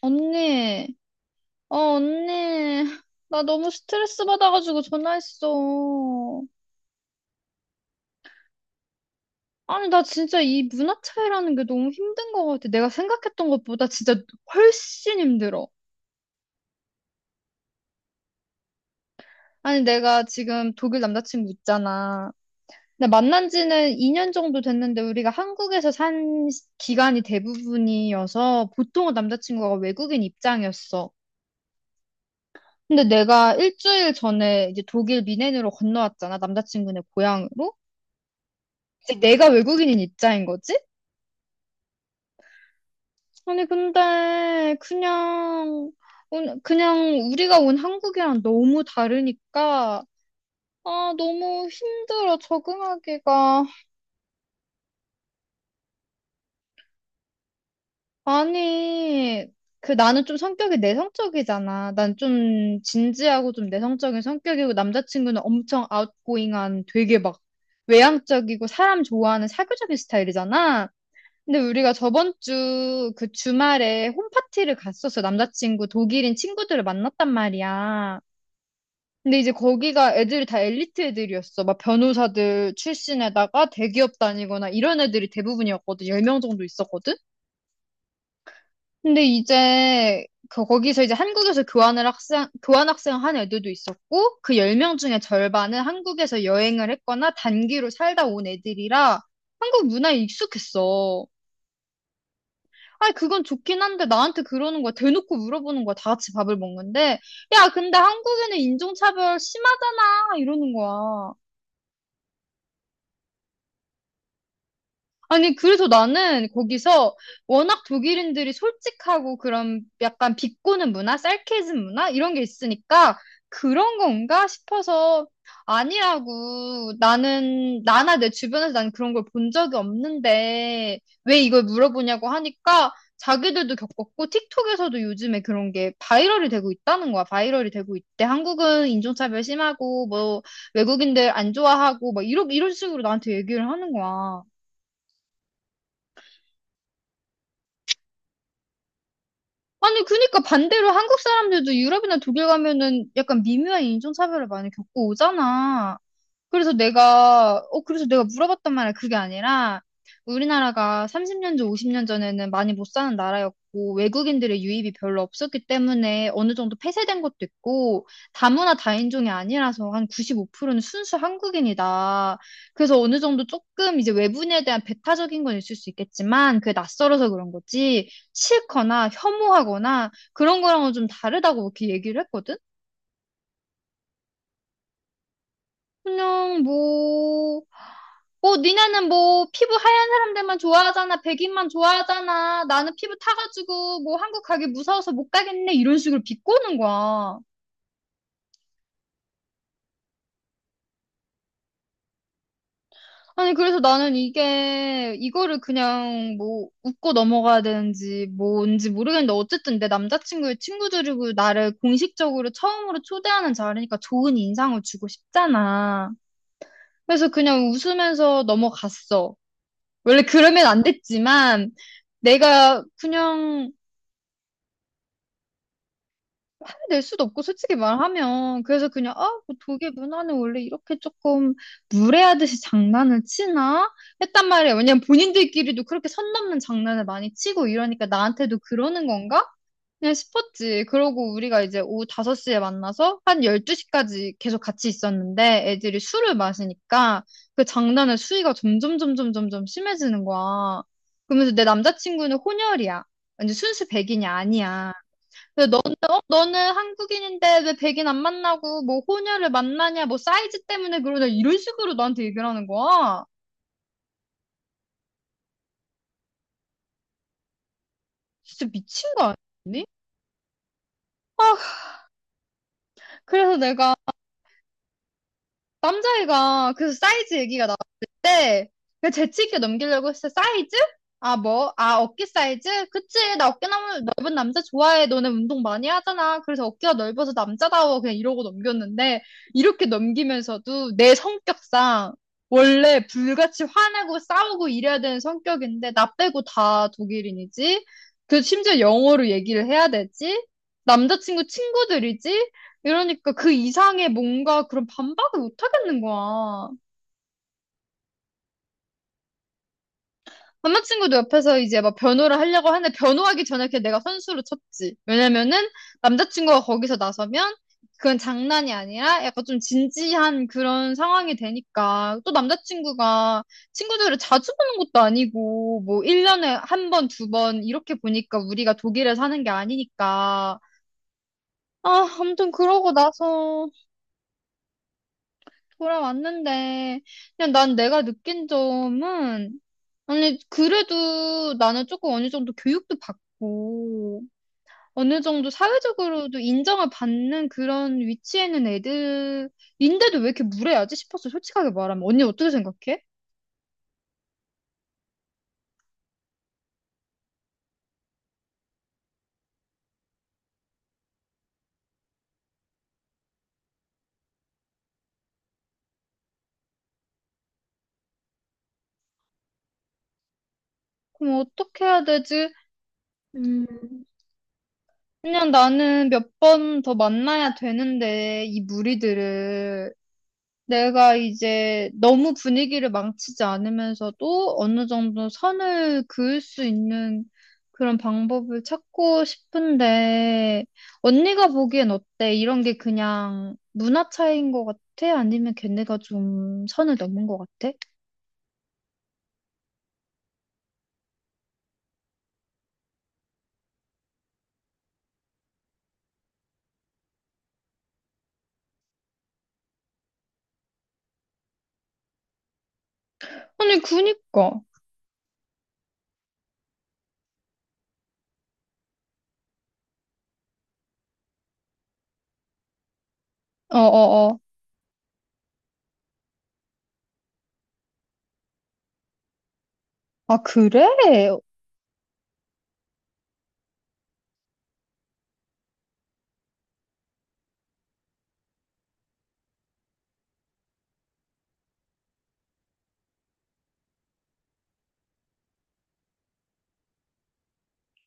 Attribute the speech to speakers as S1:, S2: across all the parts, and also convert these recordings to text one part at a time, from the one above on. S1: 언니, 어, 언니. 나 너무 스트레스 받아가지고 전화했어. 아니, 나 진짜 이 문화 차이라는 게 너무 힘든 것 같아. 내가 생각했던 것보다 진짜 훨씬 힘들어. 아니, 내가 지금 독일 남자친구 있잖아. 근데 만난 지는 2년 정도 됐는데 우리가 한국에서 산 기간이 대부분이어서 보통은 남자친구가 외국인 입장이었어. 근데 내가 일주일 전에 이제 독일 미넨으로 건너왔잖아. 남자친구네 고향으로. 내가 외국인인 입장인 거지? 아니, 근데, 그냥, 그냥 우리가 온 한국이랑 너무 다르니까, 아, 너무 힘들어, 적응하기가. 아니, 그 나는 좀 성격이 내성적이잖아. 난 좀 진지하고 좀 내성적인 성격이고, 남자친구는 엄청 아웃고잉한 되게 막 외향적이고, 사람 좋아하는 사교적인 스타일이잖아. 근데 우리가 저번 주 그 주말에 홈파티를 갔었어. 남자친구 독일인 친구들을 만났단 말이야. 근데 이제 거기가 애들이 다 엘리트 애들이었어. 막 변호사들 출신에다가 대기업 다니거나 이런 애들이 대부분이었거든. 10명 정도 있었거든. 근데 이제 그 거기서 이제 한국에서 교환을 학생 교환 학생 한 애들도 있었고 그 10명 중에 절반은 한국에서 여행을 했거나 단기로 살다 온 애들이라 한국 문화에 익숙했어. 아니, 그건 좋긴 한데, 나한테 그러는 거야. 대놓고 물어보는 거야. 다 같이 밥을 먹는데. 야, 근데 한국에는 인종차별 심하잖아. 이러는 거야. 아니, 그래서 나는 거기서 워낙 독일인들이 솔직하고 그런 약간 비꼬는 문화, sarcasm 문화? 이런 게 있으니까 그런 건가 싶어서 아니라고 나는, 나나 내 주변에서 난 그런 걸 본 적이 없는데 왜 이걸 물어보냐고 하니까 자기들도 겪었고 틱톡에서도 요즘에 그런 게 바이럴이 되고 있다는 거야. 바이럴이 되고 있대. 한국은 인종차별 심하고 뭐 외국인들 안 좋아하고 막 이런 식으로 나한테 얘기를 하는 거야. 아니, 그니까 반대로 한국 사람들도 유럽이나 독일 가면은 약간 미묘한 인종차별을 많이 겪고 오잖아. 그래서 내가, 어, 그래서 내가 물어봤단 말이야. 그게 아니라, 우리나라가 30년 전, 50년 전에는 많이 못 사는 나라였고, 외국인들의 유입이 별로 없었기 때문에 어느 정도 폐쇄된 것도 있고, 다문화 다인종이 아니라서 한 95%는 순수 한국인이다. 그래서 어느 정도 조금 이제 외부인에 대한 배타적인 건 있을 수 있겠지만, 그게 낯설어서 그런 거지. 싫거나 혐오하거나 그런 거랑은 좀 다르다고 이렇게 얘기를 했거든? 그냥 뭐, 니네는 뭐, 피부 하얀 사람들만 좋아하잖아. 백인만 좋아하잖아. 나는 피부 타가지고 뭐 한국 가기 무서워서 못 가겠네. 이런 식으로 비꼬는 거야. 아니, 그래서 나는 이거를 그냥 뭐, 웃고 넘어가야 되는지 뭔지 모르겠는데, 어쨌든 내 남자친구의 친구들이고 나를 공식적으로 처음으로 초대하는 자리니까 좋은 인상을 주고 싶잖아. 그래서 그냥 웃으면서 넘어갔어. 원래 그러면 안 됐지만, 내가 그냥 화를 낼 수도 없고, 솔직히 말하면. 그래서 그냥, 아, 뭐 독일 문화는 원래 이렇게 조금 무례하듯이 장난을 치나? 했단 말이야. 왜냐면 본인들끼리도 그렇게 선 넘는 장난을 많이 치고 이러니까 나한테도 그러는 건가? 그냥 싶었지. 그러고 우리가 이제 오후 5시에 만나서 한 12시까지 계속 같이 있었는데 애들이 술을 마시니까 그 장난의 수위가 점점 심해지는 거야. 그러면서 내 남자친구는 혼혈이야. 완전 순수 백인이 아니야. 근데 너는, 어? 너는 한국인인데 왜 백인 안 만나고 뭐 혼혈을 만나냐, 뭐 사이즈 때문에 그러냐, 이런 식으로 나한테 얘기를 하는 거야. 진짜 미친 거 아니니? 아, 그래서 내가 남자애가 그래서 사이즈 얘기가 나왔을 때 그냥 재치 있게 넘기려고 했어. 사이즈? 아, 뭐? 아, 어깨 사이즈? 그치. 나 어깨 넓은 남자 좋아해. 너네 운동 많이 하잖아. 그래서 어깨가 넓어서 남자다워. 그냥 이러고 넘겼는데 이렇게 넘기면서도 내 성격상 원래 불같이 화내고 싸우고 이래야 되는 성격인데 나 빼고 다 독일인이지. 그 심지어 영어로 얘기를 해야 되지. 남자친구 친구들이지. 이러니까 그 이상의 뭔가 그런 반박을 못 하겠는 거야. 남자친구도 옆에서 이제 막 변호를 하려고 하는데 변호하기 전에 그냥 내가 선수로 쳤지. 왜냐면은 남자친구가 거기서 나서면 그건 장난이 아니라 약간 좀 진지한 그런 상황이 되니까 또 남자친구가 친구들을 자주 보는 것도 아니고 뭐 1년에 한 번, 두 번 이렇게 보니까 우리가 독일에 사는 게 아니니까. 아, 아무튼 그러고 나서 돌아왔는데, 그냥 난 내가 느낀 점은, 아니, 그래도 나는 조금 어느 정도 교육도 받고, 어느 정도 사회적으로도 인정을 받는 그런 위치에 있는 애들인데도 왜 이렇게 무례하지 싶었어, 솔직하게 말하면. 언니 어떻게 생각해? 그럼 어떻게 해야 되지? 음, 그냥 나는 몇 번 더 만나야 되는데, 이 무리들을. 내가 이제 너무 분위기를 망치지 않으면서도 어느 정도 선을 그을 수 있는 그런 방법을 찾고 싶은데, 언니가 보기엔 어때? 이런 게 그냥 문화 차이인 것 같아? 아니면 걔네가 좀 선을 넘은 것 같아? 아니, 그니까. 어어어. 아, 그래?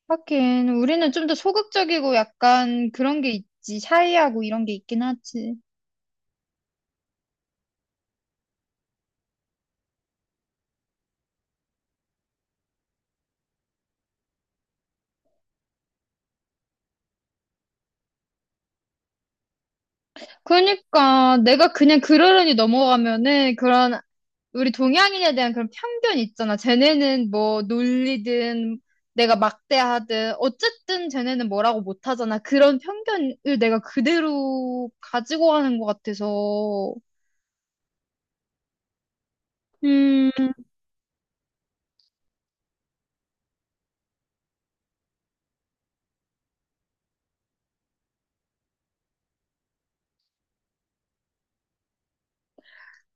S1: 하긴, 우리는 좀 더 소극적이고 약간 그런 게 있지. 샤이하고 이런 게 있긴 하지. 그러니까 내가 그냥 그러려니 넘어가면은 그런 우리 동양인에 대한 그런 편견 있잖아. 쟤네는 뭐 놀리든 내가 막대하든 어쨌든 쟤네는 뭐라고 못하잖아. 그런 편견을 내가 그대로 가지고 가는 것 같아서.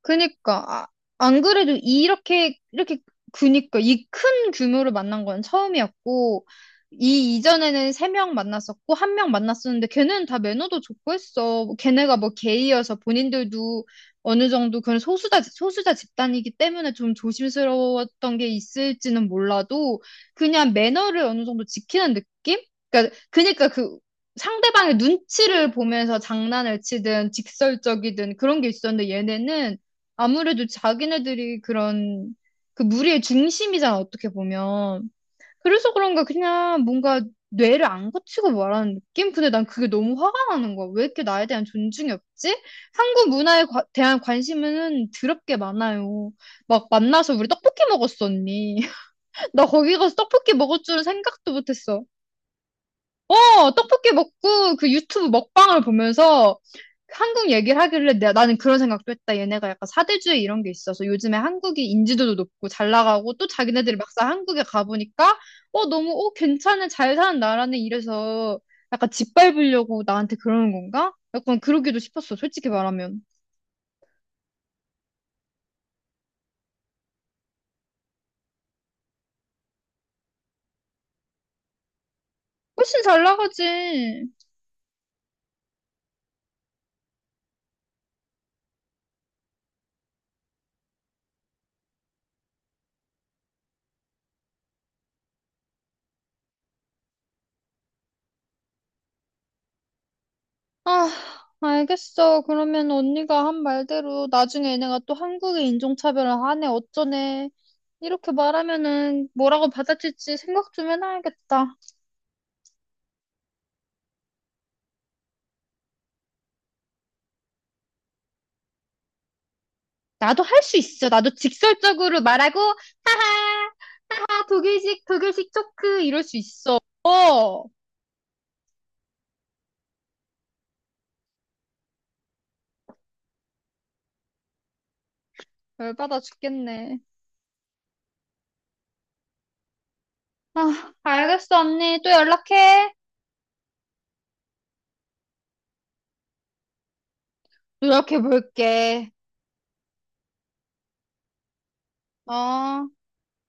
S1: 그니까, 아, 안 그래도 이렇게, 그니까, 이 큰 규모를 만난 건 처음이었고, 이 이전에는 세 명 만났었고, 한 명 만났었는데, 걔는 다 매너도 좋고 했어. 뭐 걔네가 뭐 게이여서 본인들도 어느 정도 그런 소수자 집단이기 때문에 좀 조심스러웠던 게 있을지는 몰라도, 그냥 매너를 어느 정도 지키는 느낌? 그니까 그, 상대방의 눈치를 보면서 장난을 치든 직설적이든 그런 게 있었는데 얘네는 아무래도 자기네들이 그런 그 무리의 중심이잖아, 어떻게 보면. 그래서 그런가 그냥 뭔가 뇌를 안 거치고 말하는 느낌? 근데 난 그게 너무 화가 나는 거야. 왜 이렇게 나에 대한 존중이 없지? 한국 문화에 대한 관심은 드럽게 많아요. 막 만나서 우리 떡볶이 먹었어, 언니. 나 거기 가서 떡볶이 먹을 줄은 생각도 못했어. 어, 떡볶이 먹고 그 유튜브 먹방을 보면서 한국 얘기를 하길래 나는 그런 생각도 했다. 얘네가 약간 사대주의 이런 게 있어서 요즘에 한국이 인지도도 높고 잘 나가고 또 자기네들이 막상 한국에 가보니까 어, 너무 어, 괜찮은 잘 사는 나라네 이래서 약간 짓밟으려고 나한테 그러는 건가? 약간 그러기도 싶었어. 솔직히 말하면. 훨씬 잘 나가지. 아, 알겠어. 그러면 언니가 한 말대로 나중에 얘네가 또 한국의 인종차별을 하네, 어쩌네. 이렇게 말하면은 뭐라고 받아칠지 생각 좀 해놔야겠다. 나도 할 수 있어. 나도 직설적으로 말하고, 하하, 하하, 독일식 초크, 이럴 수 있어. 어, 열받아 죽겠네. 아, 알겠어, 언니. 또 연락해. 노력해볼게. 어.